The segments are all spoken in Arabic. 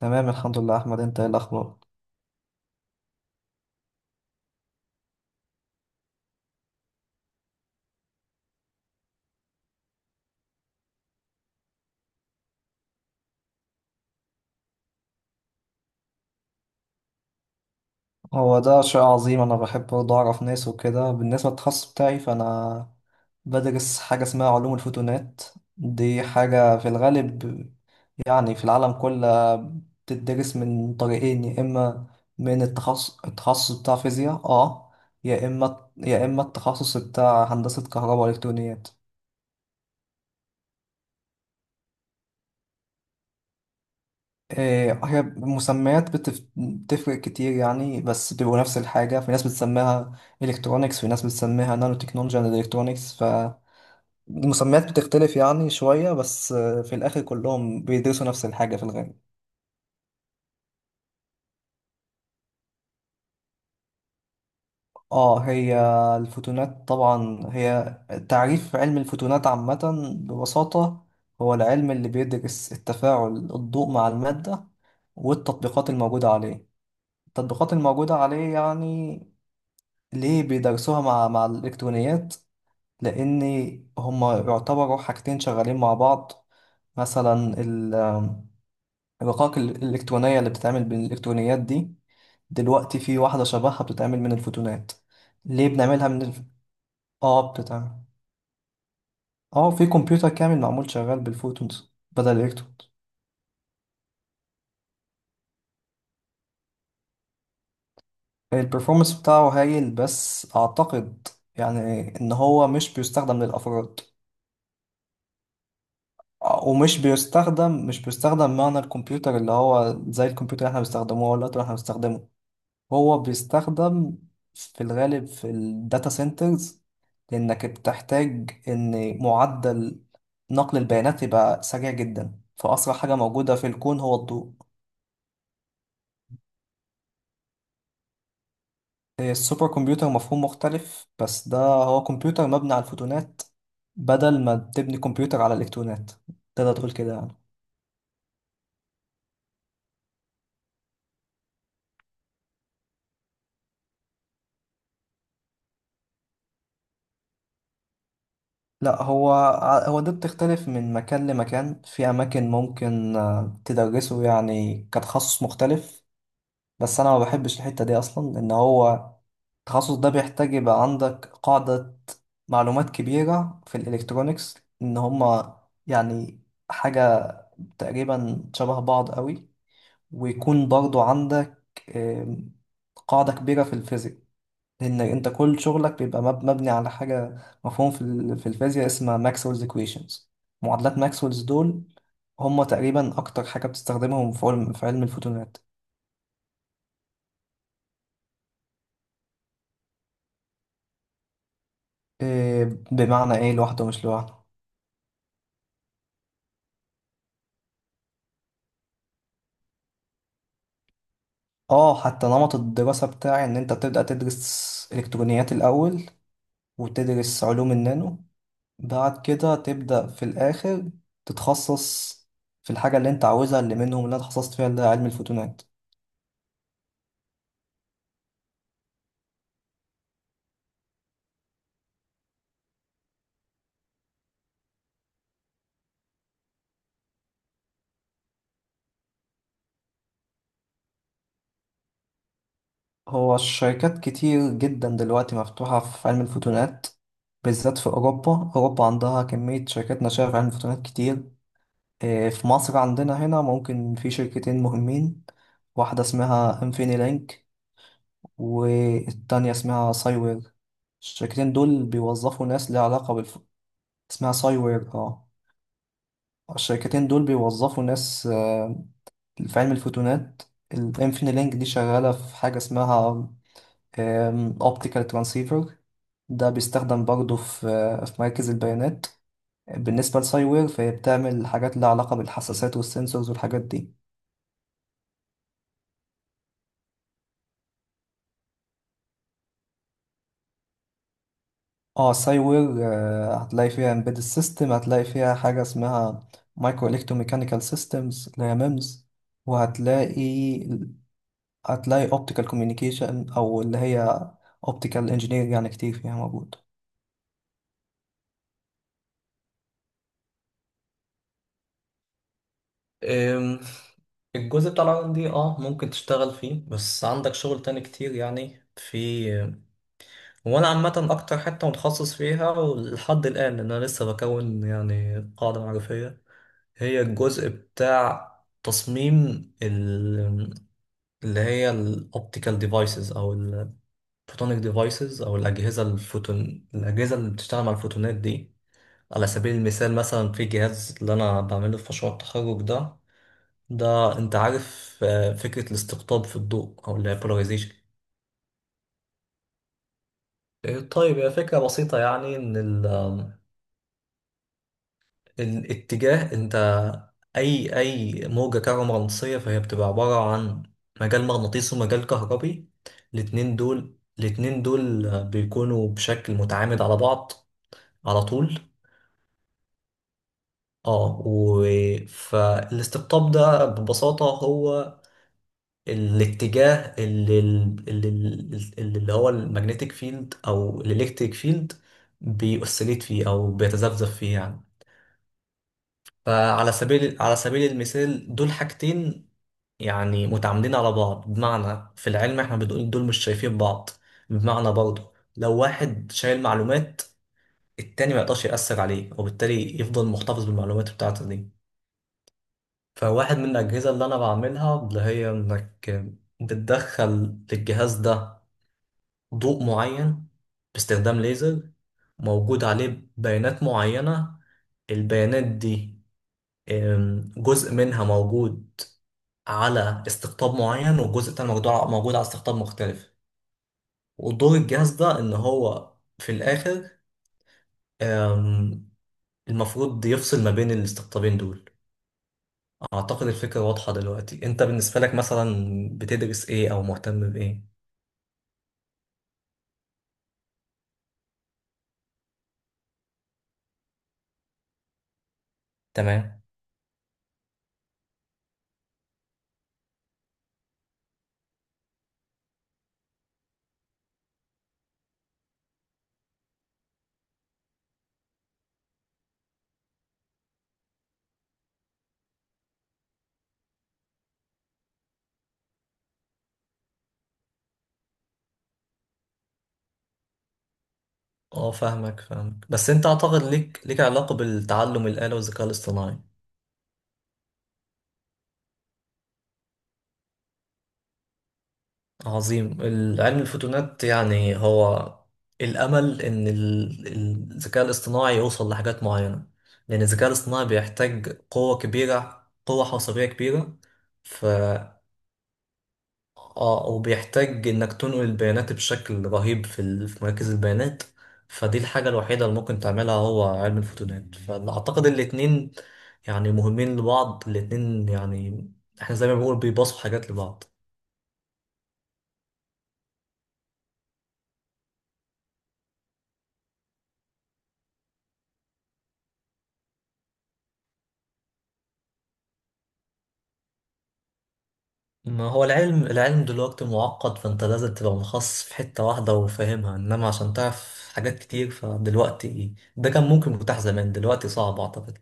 تمام الحمد لله، احمد انت ايه الاخبار؟ هو ده شيء عظيم، انا بحب برضه اعرف ناس وكده. بالنسبه للتخصص بتاعي، فانا بدرس حاجه اسمها علوم الفوتونات. دي حاجه في الغالب يعني في العالم كله بتدرس من طريقين: يا اما من التخصص بتاع فيزياء، اه، يا اما التخصص بتاع هندسه كهرباء والكترونيات. إيه، هي مسميات بتفرق كتير يعني، بس بيبقوا نفس الحاجة. في ناس بتسميها الكترونكس، في ناس بتسميها نانو تكنولوجيا اند الكترونكس. فالمسميات بتختلف يعني شوية بس، في الآخر كلهم بيدرسوا نفس الحاجة في الغالب. اه، هي الفوتونات طبعا. هي تعريف علم الفوتونات عامة ببساطة هو العلم اللي بيدرس التفاعل الضوء مع المادة والتطبيقات الموجودة عليه. التطبيقات الموجودة عليه يعني ليه بيدرسوها مع الإلكترونيات؟ لأن هما يعتبروا حاجتين شغالين مع بعض. مثلا ال- الرقائق الإلكترونية اللي بتتعمل بالإلكترونيات دي، دلوقتي في واحدة شبهها بتتعمل من الفوتونات. ليه بنعملها من الف... اه بتتعمل. اه، في كمبيوتر كامل معمول شغال بالفوتونز بدل الإلكترونز. البرفورمانس بتاعه هايل، بس أعتقد يعني إن هو مش بيستخدم للأفراد، ومش بيستخدم مش بيستخدم معنى الكمبيوتر اللي هو زي الكمبيوتر اللي احنا بنستخدمه، هو اللابتوب اللي احنا بنستخدمه. هو بيستخدم في الغالب في الداتا سنترز، لانك بتحتاج ان معدل نقل البيانات يبقى سريع جدا، فاسرع حاجه موجوده في الكون هو الضوء. السوبر كمبيوتر مفهوم مختلف، بس ده هو كمبيوتر مبني على الفوتونات بدل ما تبني كمبيوتر على الالكترونات. تقدر تقول كده يعني. لا، هو هو ده بتختلف من مكان لمكان. في أماكن ممكن تدرسه يعني كتخصص مختلف، بس أنا ما بحبش الحتة دي أصلا، لأن هو التخصص ده بيحتاج يبقى عندك قاعدة معلومات كبيرة في الإلكترونيكس. إن هما يعني حاجة تقريبا شبه بعض قوي، ويكون برضو عندك آم، قاعدة كبيرة في الفيزيك، لان انت كل شغلك بيبقى مبني على حاجه مفهوم في في الفيزياء اسمها ماكسويلز ايكويشنز. معادلات ماكسويلز دول هم تقريبا اكتر حاجه بتستخدمهم في علم الفوتونات. إيه، بمعنى ايه لوحده مش لوحده؟ اه، حتى نمط الدراسه بتاعي ان انت بتبدا تدرس الكترونيات الاول وتدرس علوم النانو، بعد كده تبدا في الاخر تتخصص في الحاجه اللي انت عاوزها، اللي منهم اللي انا اتخصصت فيها اللي هي علم الفوتونات. هو الشركات كتير جدا دلوقتي مفتوحة في علم الفوتونات، بالذات في أوروبا. أوروبا عندها كمية شركات ناشئة في علم الفوتونات كتير. إيه، في مصر عندنا هنا ممكن في شركتين مهمين: واحدة اسمها انفيني لينك، والتانية اسمها سايوير. الشركتين دول بيوظفوا ناس ليها علاقة بالف... اسمها سايوير، اه. الشركتين دول بيوظفوا ناس في علم الفوتونات. الانفيني لينك دي شغالة في حاجة اسمها اوبتيكال ترانسيفر، ده بيستخدم برضه في في مراكز البيانات. بالنسبة لساي وير، فهي بتعمل حاجات لها علاقة بالحساسات والسنسورز والحاجات دي. اه، ساي وير، هتلاقي فيها embedded system، هتلاقي فيها حاجة اسمها micro electromechanical systems اللي هي ميمز، وهتلاقي هتلاقي optical communication أو اللي هي optical engineering. يعني كتير فيها موجود. أم، الجزء بتاع العالم دي، اه، ممكن تشتغل فيه، بس عندك شغل تاني كتير يعني. في هو، انا عامه اكتر حته متخصص فيها لحد الان، لان انا لسه بكون يعني قاعده معرفيه، هي الجزء بتاع تصميم ال- اللي هي الاوبتيكال ديفايسز او الفوتونيك ديفايسز، او الاجهزه الفوتون، الاجهزه اللي بتشتغل مع الفوتونات دي. على سبيل المثال، مثلا في جهاز اللي انا بعمله في مشروع التخرج ده. ده انت عارف فكره الاستقطاب في الضوء، او اللي هي polarization؟ طيب، هي فكرة بسيطة يعني. إن الاتجاه انت، اي اي موجة كهرومغناطيسية، فهي بتبقى عبارة عن مجال مغناطيسي ومجال كهربي. الاتنين دول بيكونوا بشكل متعامد على بعض على طول. اه و... فالاستقطاب ده ببساطة هو الاتجاه اللي هو المagnetic فيلد او الالكتريك فيلد بيأسليت فيه او بيتذبذب فيه يعني. فعلى سبيل المثال، دول حاجتين يعني متعامدين على بعض. بمعنى في العلم احنا بنقول دول مش شايفين بعض، بمعنى برضه لو واحد شايل معلومات، التاني ما يقدرش يأثر عليه، وبالتالي يفضل محتفظ بالمعلومات بتاعته دي. فواحد من الأجهزة اللي أنا بعملها، اللي هي إنك بتدخل للجهاز ده ضوء معين باستخدام ليزر، موجود عليه بيانات معينة. البيانات دي جزء منها موجود على استقطاب معين، والجزء التاني موجود على استقطاب مختلف. ودور الجهاز ده ان هو في الاخر أم، المفروض يفصل ما بين الاستقطابين دول. اعتقد الفكرة واضحة دلوقتي. انت بالنسبة لك مثلا بتدرس ايه او مهتم بايه؟ تمام. اه فاهمك فاهمك، بس انت اعتقد ليك علاقة بالتعلم الآلي والذكاء الاصطناعي. عظيم. علم الفوتونات يعني هو الأمل إن الذكاء الاصطناعي يوصل لحاجات معينة. لأن الذكاء الاصطناعي بيحتاج قوة كبيرة، قوة حاسوبية كبيرة. ف وبيحتاج إنك تنقل البيانات بشكل رهيب في في مراكز البيانات. فدي الحاجة الوحيدة اللي ممكن تعملها هو علم الفوتونات. فأعتقد الاتنين يعني مهمين لبعض، الاتنين يعني احنا زي ما بنقول بيباصوا حاجات لبعض. ما هو العلم دلوقتي معقد، فانت لازم تبقى مخصص في حتة واحدة وفاهمها، انما عشان تعرف حاجات كتير، فدلوقتي، ده كان ممكن متاح زمان، دلوقتي صعب اعتقد.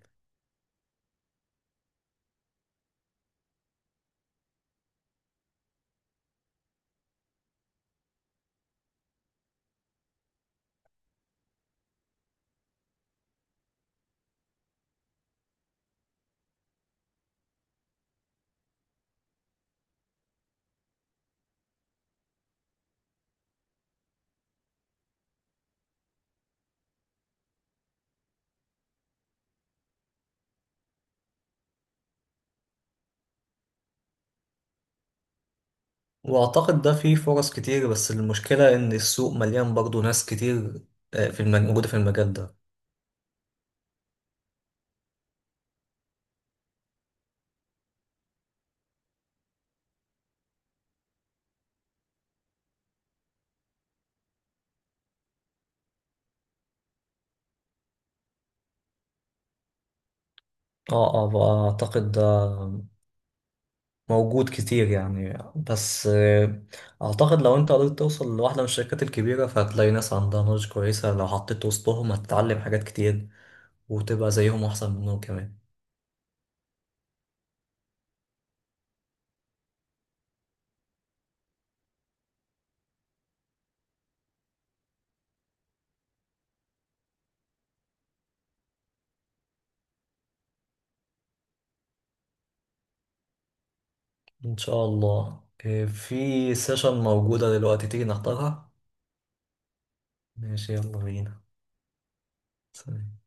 واعتقد ده فيه فرص كتير، بس المشكلة ان السوق مليان برضو ناس كتير، في المج... موجودة في المجال ده. اعتقد ده موجود كتير يعني، بس اعتقد لو واحدة مش شاطرة، فهتلاقي ناس عندها نضج كويسة، لو حطيت وسطهم هتتعلم حاجات كتير، وتبقى زيهم احسن منهم كمان. ان شاء الله. إيه، في سيشن موجودة دلوقتي، تيجي نحضرها؟ ماشي، يلا بينا. سلام.